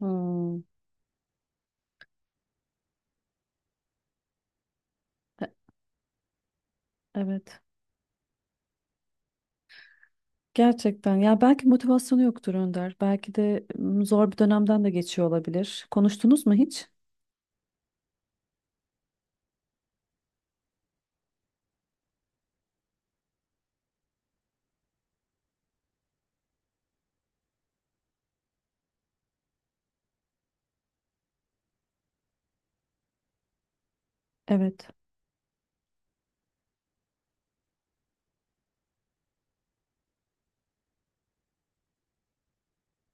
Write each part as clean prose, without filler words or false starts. Hmm, e- evet. Gerçekten. Ya belki motivasyonu yoktur Önder. Belki de zor bir dönemden de geçiyor olabilir. Konuştunuz mu hiç? Evet.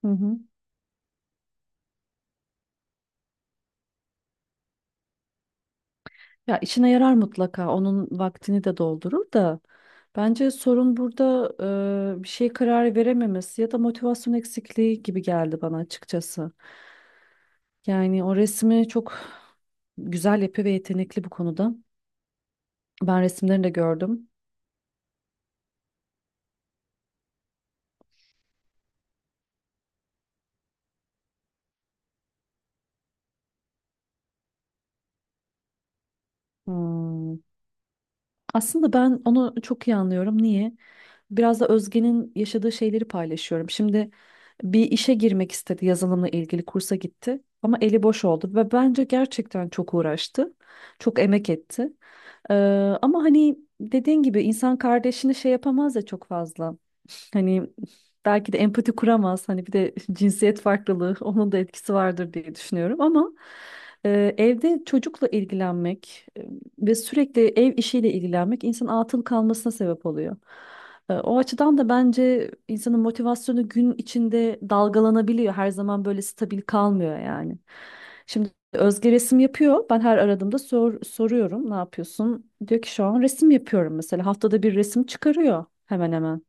Hı hı. Ya işine yarar mutlaka. Onun vaktini de doldurur da. Bence sorun burada bir şey karar verememesi ya da motivasyon eksikliği gibi geldi bana açıkçası. Yani o resmi çok güzel yapıyor ve yetenekli bu konuda. Ben resimlerini de gördüm. Hmm. Aslında ben onu çok iyi anlıyorum. Niye? Biraz da Özge'nin yaşadığı şeyleri paylaşıyorum. Şimdi bir işe girmek istedi, yazılımla ilgili kursa gitti ama eli boş oldu ve bence gerçekten çok uğraştı, çok emek etti. Ee, Ama hani dediğin gibi insan kardeşini şey yapamaz ya çok fazla. Hani belki de empati kuramaz. Hani bir de cinsiyet farklılığı onun da etkisi vardır diye düşünüyorum ama evde çocukla ilgilenmek ve sürekli ev işiyle ilgilenmek insan atıl kalmasına sebep oluyor. O açıdan da bence insanın motivasyonu gün içinde dalgalanabiliyor. Her zaman böyle stabil kalmıyor yani. Şimdi Özge resim yapıyor. Ben her aradığımda soruyorum, ne yapıyorsun? Diyor ki şu an resim yapıyorum mesela. Haftada bir resim çıkarıyor hemen hemen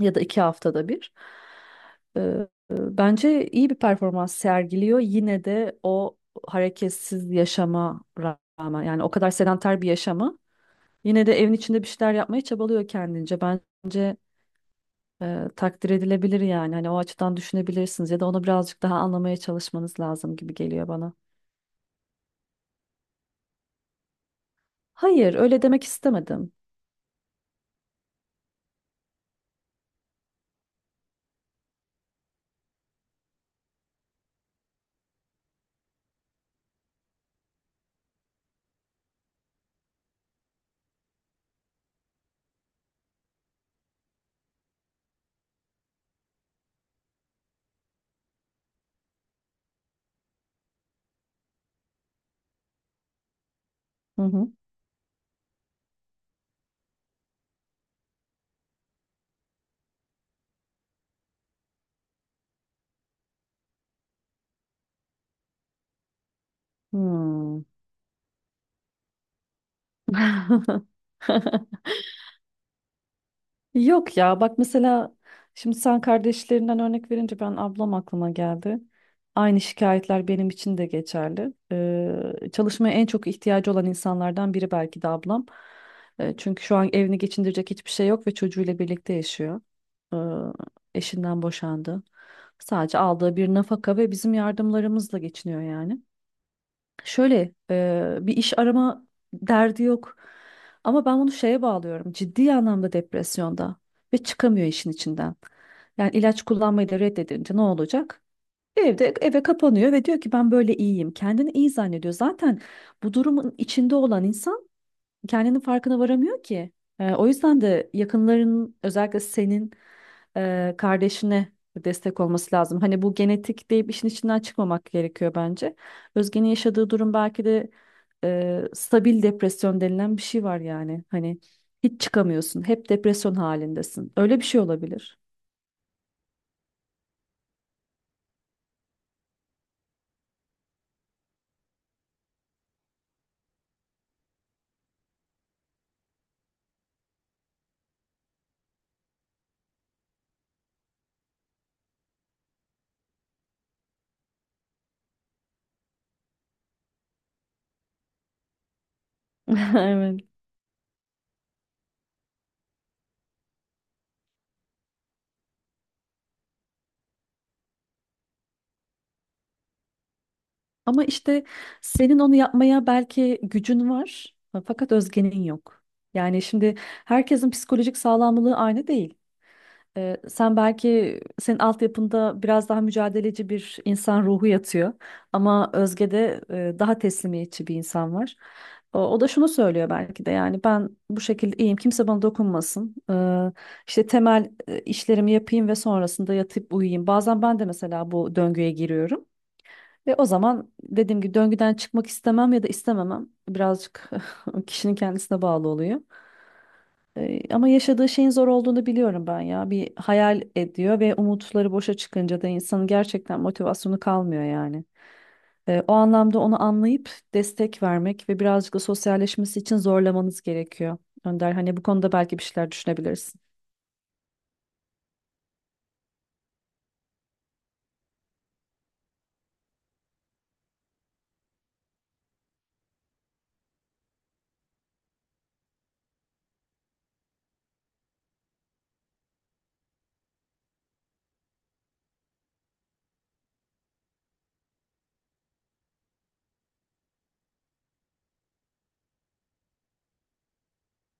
ya da iki haftada bir. Ee, Bence iyi bir performans sergiliyor. Yine de o hareketsiz yaşama rağmen yani o kadar sedanter bir yaşamı yine de evin içinde bir şeyler yapmaya çabalıyor kendince. Bence takdir edilebilir yani. Hani o açıdan düşünebilirsiniz ya da onu birazcık daha anlamaya çalışmanız lazım gibi geliyor bana. Hayır, öyle demek istemedim. Hı hı. Hmm. Yok ya bak mesela şimdi sen kardeşlerinden örnek verince ben ablam aklıma geldi. Aynı şikayetler benim için de geçerli. Çalışmaya en çok ihtiyacı olan insanlardan biri belki de ablam. Çünkü şu an evini geçindirecek hiçbir şey yok ve çocuğuyla birlikte yaşıyor. Ee, Eşinden boşandı. Sadece aldığı bir nafaka ve bizim yardımlarımızla geçiniyor yani. Şöyle bir iş arama derdi yok. Ama ben bunu şeye bağlıyorum. Ciddi anlamda depresyonda ve çıkamıyor işin içinden. Yani ilaç kullanmayı da reddedince ne olacak? Evde eve kapanıyor ve diyor ki ben böyle iyiyim. Kendini iyi zannediyor. Zaten bu durumun içinde olan insan kendinin farkına varamıyor ki. O yüzden de yakınların özellikle senin kardeşine destek olması lazım. Hani bu genetik deyip işin içinden çıkmamak gerekiyor bence. Özge'nin yaşadığı durum belki de stabil depresyon denilen bir şey var yani. Hani hiç çıkamıyorsun, hep depresyon halindesin. Öyle bir şey olabilir. Evet. Ama işte senin onu yapmaya belki gücün var, fakat Özge'nin yok. Yani şimdi herkesin psikolojik sağlamlığı aynı değil. Sen belki senin altyapında biraz daha mücadeleci bir insan ruhu yatıyor ama Özge'de daha teslimiyetçi bir insan var. O da şunu söylüyor belki de yani ben bu şekilde iyiyim kimse bana dokunmasın. İşte temel işlerimi yapayım ve sonrasında yatıp uyuyayım. Bazen ben de mesela bu döngüye giriyorum. Ve o zaman dediğim gibi döngüden çıkmak istemem ya da istememem birazcık kişinin kendisine bağlı oluyor. Ama yaşadığı şeyin zor olduğunu biliyorum ben ya. Bir hayal ediyor ve umutları boşa çıkınca da insanın gerçekten motivasyonu kalmıyor yani. O anlamda onu anlayıp destek vermek ve birazcık da sosyalleşmesi için zorlamanız gerekiyor. Önder hani bu konuda belki bir şeyler düşünebilirsin.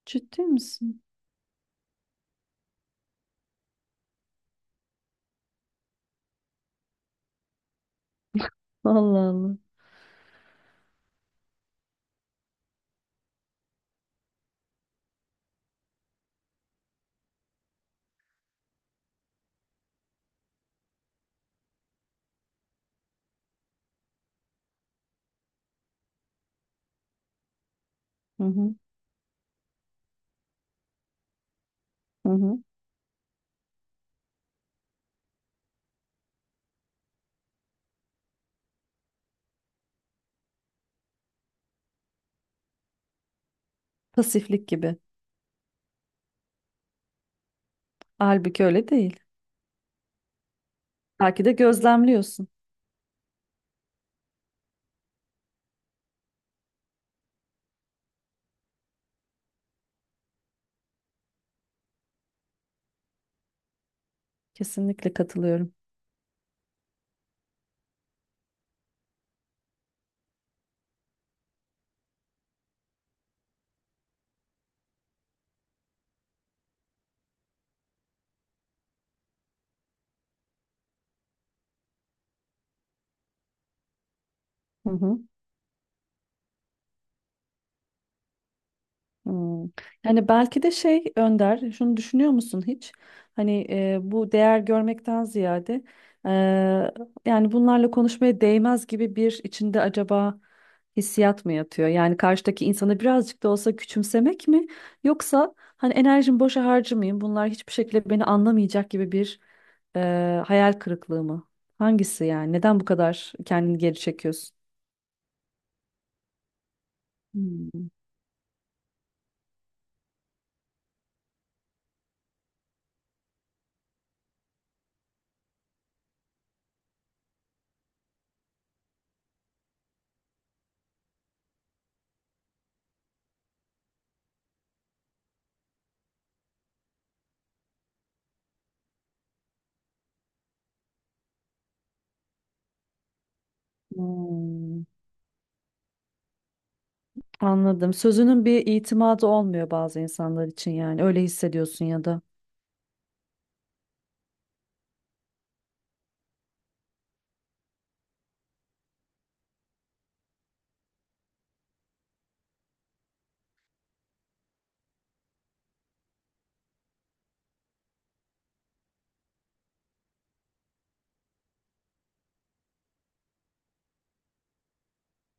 Ciddi misin? Allah Allah. Hı hı, hı hı. Pasiflik gibi. Halbuki öyle değil. Belki de gözlemliyorsun. Kesinlikle katılıyorum. Hı hı. Hmm. Yani belki de şey Önder, şunu düşünüyor musun hiç? Hani bu değer görmekten ziyade e, yani bunlarla konuşmaya değmez gibi bir içinde acaba hissiyat mı yatıyor? Yani karşıdaki insanı birazcık da olsa küçümsemek mi? Yoksa hani enerjimi boşa harcamayayım, bunlar hiçbir şekilde beni anlamayacak gibi bir e, hayal kırıklığı mı? Hangisi yani? Neden bu kadar kendini geri çekiyorsun? Hmm. Hmm. Anladım. Sözünün bir itimadı olmuyor bazı insanlar için yani. Öyle hissediyorsun ya da.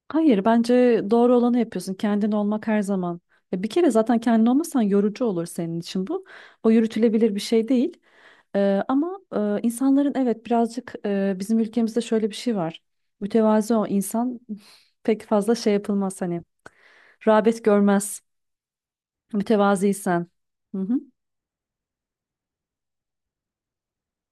Hayır, bence doğru olanı yapıyorsun. Kendin olmak her zaman. Bir kere zaten kendin olmasan yorucu olur senin için bu. O yürütülebilir bir şey değil. Ama insanların evet birazcık bizim ülkemizde şöyle bir şey var. Mütevazi o insan pek fazla şey yapılmaz hani. Rağbet görmez mütevaziysen. Hı hı.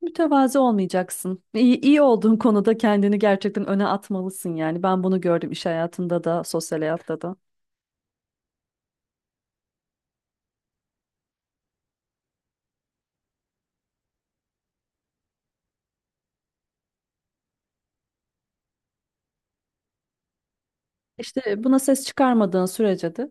Mütevazi olmayacaksın. İyi, iyi olduğun konuda kendini gerçekten öne atmalısın yani. Ben bunu gördüm iş hayatında da, sosyal hayatta da. İşte buna ses çıkarmadığın sürece de.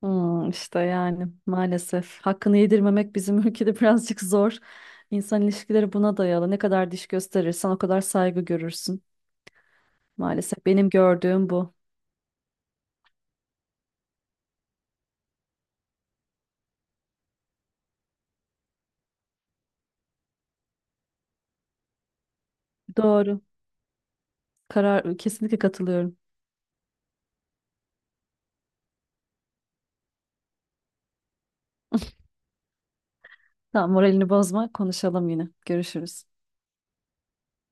Hmm, işte yani maalesef hakkını yedirmemek bizim ülkede birazcık zor. İnsan ilişkileri buna dayalı. Ne kadar diş gösterirsen o kadar saygı görürsün. Maalesef benim gördüğüm bu. Doğru. Karar kesinlikle katılıyorum. Tamam, moralini bozma. Konuşalım yine. Görüşürüz.